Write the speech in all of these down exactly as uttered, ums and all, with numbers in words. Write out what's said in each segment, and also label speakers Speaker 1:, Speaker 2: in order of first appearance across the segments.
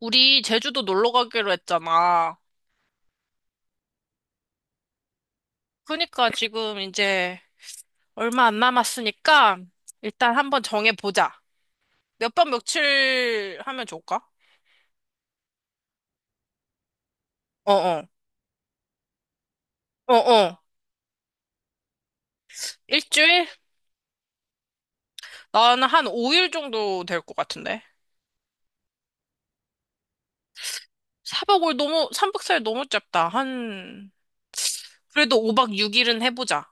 Speaker 1: 우리 제주도 놀러 가기로 했잖아. 그러니까 지금 이제 얼마 안 남았으니까 일단 한번 정해보자. 몇 번 며칠 하면 좋을까? 어어. 어어. 일주일? 나는 한 오 일 정도 될 것 같은데. 사박 오 일 너무, 삼 박 사 일 너무 짧다. 한, 그래도 오 박 육 일은 해보자.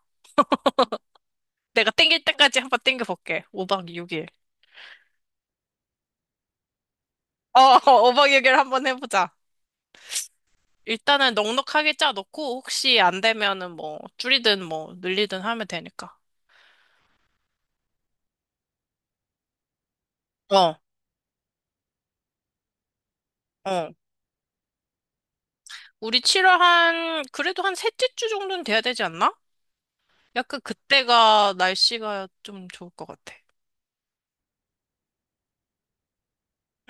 Speaker 1: 내가 땡길 때까지 한 번 땡겨볼게. 오 박 육 일. 어, 오 박 육 일 한번 해보자. 일단은 넉넉하게 짜놓고 혹시 안 되면은 뭐 줄이든 뭐 늘리든 하면 되니까. 어, 어. 우리 칠월 한 그래도 한 셋째 주 정도는 돼야 되지 않나? 약간 그때가 날씨가 좀 좋을 것 같아.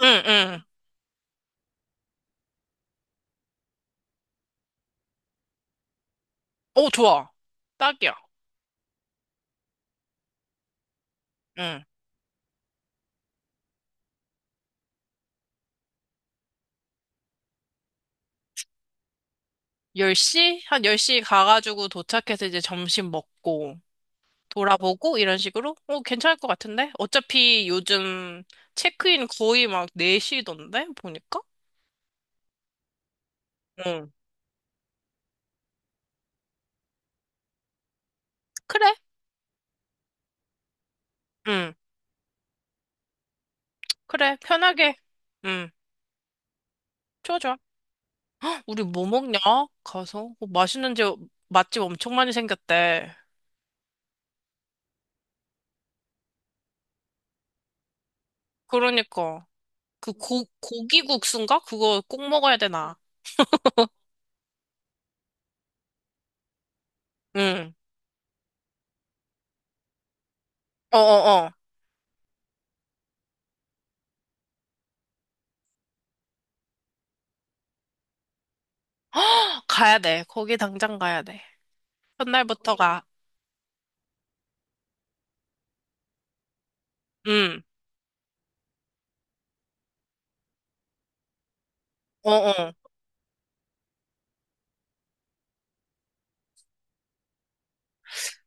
Speaker 1: 응, 응. 오, 좋아. 딱이야. 응. 열 시? 한 열 시 가가지고 도착해서 이제 점심 먹고 돌아보고 이런 식으로? 어, 괜찮을 것 같은데? 어차피 요즘 체크인 거의 막 네 시던데? 보니까? 응. 그래. 응. 그래, 편하게. 응, 좋아, 좋아. 우리 뭐 먹냐? 가서. 어, 맛있는 집, 맛집 엄청 많이 생겼대. 그러니까. 그 고, 고기 국수인가? 그거 꼭 먹어야 되나? 응. 어어어. 헉, 가야 돼. 거기 당장 가야 돼. 첫날부터 가. 응. 어어.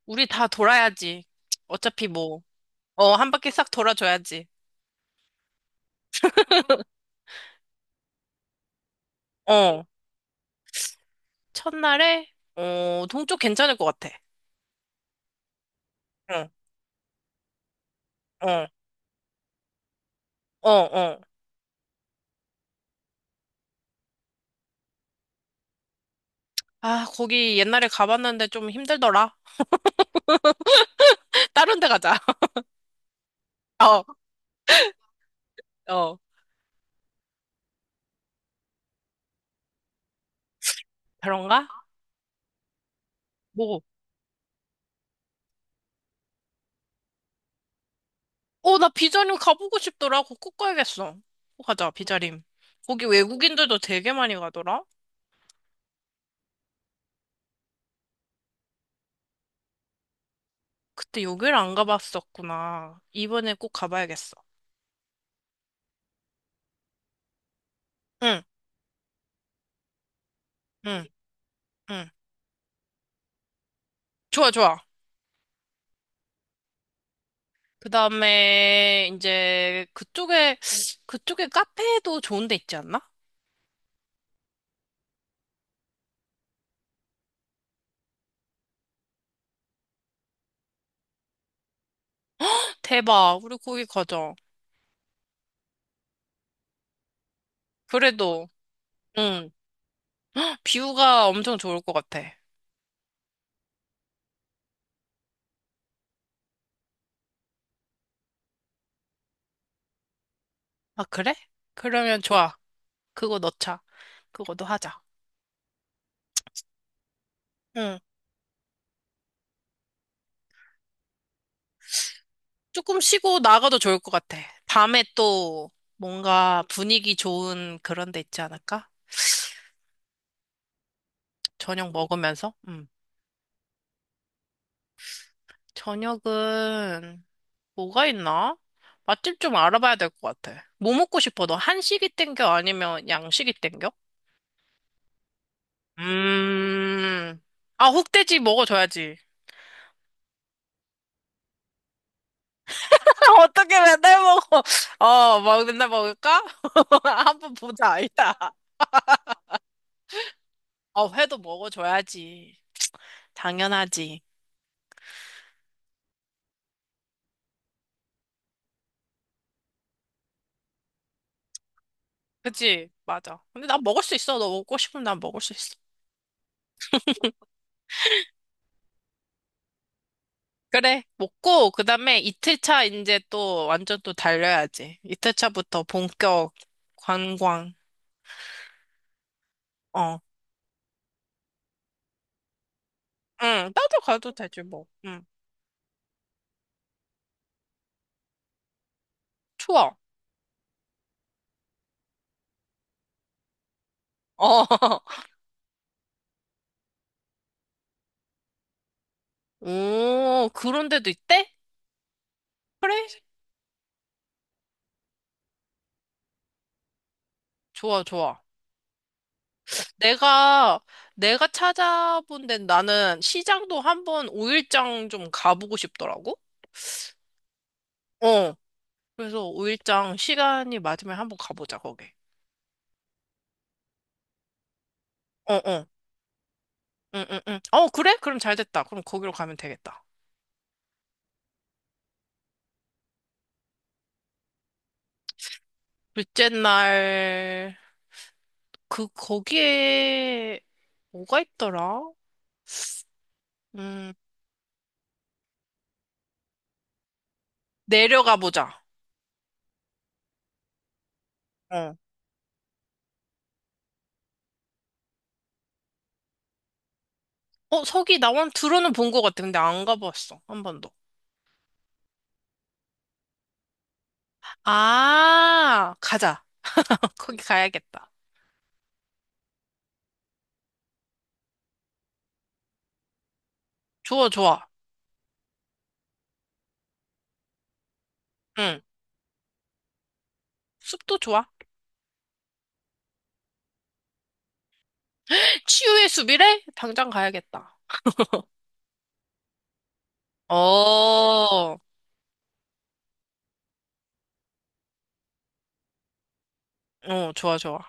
Speaker 1: 우리 다 돌아야지. 어차피 뭐. 어, 한 바퀴 싹 돌아줘야지. 어. 첫날에, 어, 동쪽 괜찮을 것 같아. 응, 어, 어, 어. 아, 거기 옛날에 가봤는데 좀 힘들더라. 다른 데 가자. 어, 어. 그런가? 뭐. 어, 나 비자림 가보고 싶더라. 그거 꼭 가야겠어. 꼭 가자, 비자림. 거기 외국인들도 되게 많이 가더라. 그때 여기를 안 가봤었구나. 이번에 꼭 가봐야겠어. 응, 응, 응. 좋아, 좋아. 그 다음에 이제 그쪽에, 그쪽에 카페도 좋은 데 있지 않나? 대박. 우리 거기 가자. 그래도, 응. 뷰가 엄청 좋을 것 같아. 아, 그래? 그러면 좋아. 그거 넣자. 그거도 하자. 응. 조금 쉬고 나가도 좋을 것 같아. 밤에 또 뭔가 분위기 좋은 그런 데 있지 않을까? 저녁 먹으면서? 응. 저녁은 뭐가 있나? 맛집 좀 알아봐야 될 것 같아. 뭐 먹고 싶어? 너 한식이 땡겨? 아니면 양식이 땡겨? 음. 아, 흑돼지 먹어줘야지. 어떻게 맨날 먹어? 어, 막 맨날 먹을까? 한 번 보자, 이따. 어, 회도 먹어줘야지. 당연하지. 그치? 맞아. 근데 나 먹을 수 있어. 너 먹고 싶으면 난 먹을 수 있어. 그래, 먹고, 그 다음에 이틀차 이제 또 완전 또 달려야지. 이틀차부터 본격 관광. 어. 응, 나도 가도 되지, 뭐. 응. 좋아. 어. 오, 그런 데도 있대? 그래? 좋아, 좋아. 내가, 내가 찾아본 데는 나는 시장도 한번 오일장 좀 가보고 싶더라고? 어. 그래서 오일장 시간이 맞으면 한번 가보자, 거기. 어, 어. 응, 응, 응. 어, 그래? 그럼 잘 됐다. 그럼 거기로 가면 되겠다. 둘째 날, 그, 거기에, 뭐가 있더라? 음, 내려가 보자. 어. 어, 서기 나원 들어는 본 것 같아. 근데 안 가봤어. 한 번도. 아, 가자. 거기 가야겠다. 좋아, 좋아. 응. 숲도 좋아. 치유의 숲이래? 당장 가야겠다. 어, 어, 좋아, 좋아.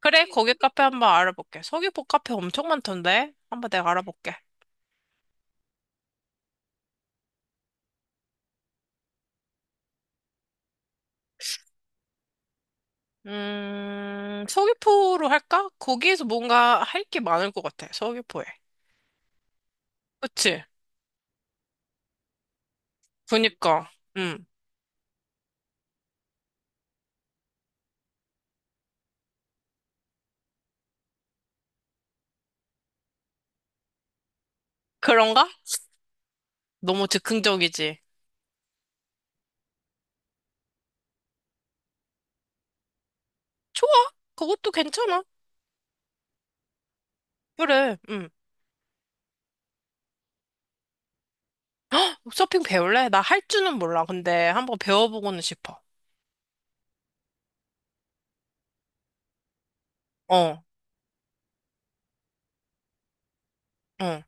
Speaker 1: 그래, 거기 카페 한번 알아볼게. 서귀포 카페 엄청 많던데? 한번 내가 알아볼게. 음, 서귀포로 할까? 거기에서 뭔가 할 게 많을 것 같아, 서귀포에. 그치? 그니까, 음. 그런가? 너무 즉흥적이지. 좋아, 그것도 괜찮아. 그래, 음. 서핑 배울래? 나 할 줄은 몰라. 근데 한번 배워보고는 싶어. 어, 응.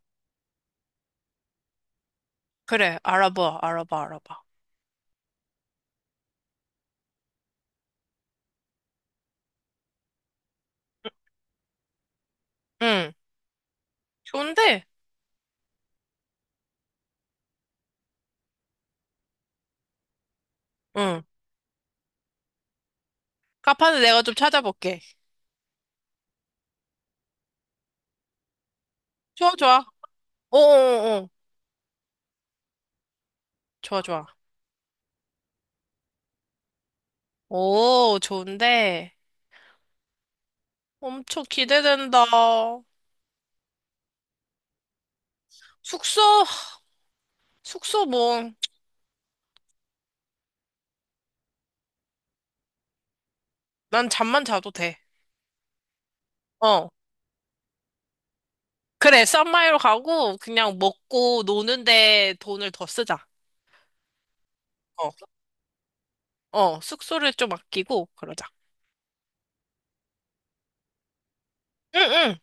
Speaker 1: 그래, 알아봐, 알아봐, 알아봐. 응, 좋은데? 응. 카페는 내가 좀 찾아볼게. 좋아, 좋아. 어어어. 좋아, 좋아. 오, 좋은데. 엄청 기대된다. 숙소, 숙소 뭐, 난 잠만 자도 돼. 어. 그래, 싼마이로 가고, 그냥 먹고 노는데 돈을 더 쓰자. 어. 어, 숙소를 좀 아끼고, 그러자. 응, 응.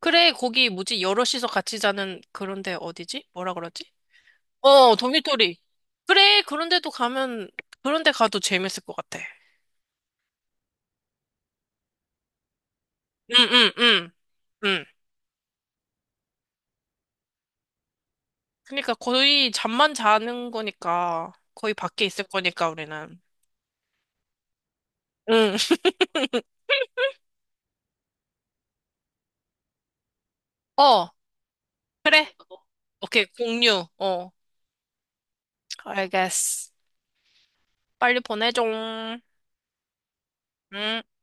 Speaker 1: 그래, 거기 뭐지? 여럿이서 같이 자는 그런데 어디지? 뭐라 그러지? 어, 도미토리. 그래, 그런데도 가면, 그런데 가도 재밌을 것 같아. 응, 응, 응. 응. 그러니까 거의 잠만 자는 거니까 거의 밖에 있을 거니까 우리는. 응. 어, 그래. 오케이, 공유. 어, 알겠어. 빨리 보내줘. 응.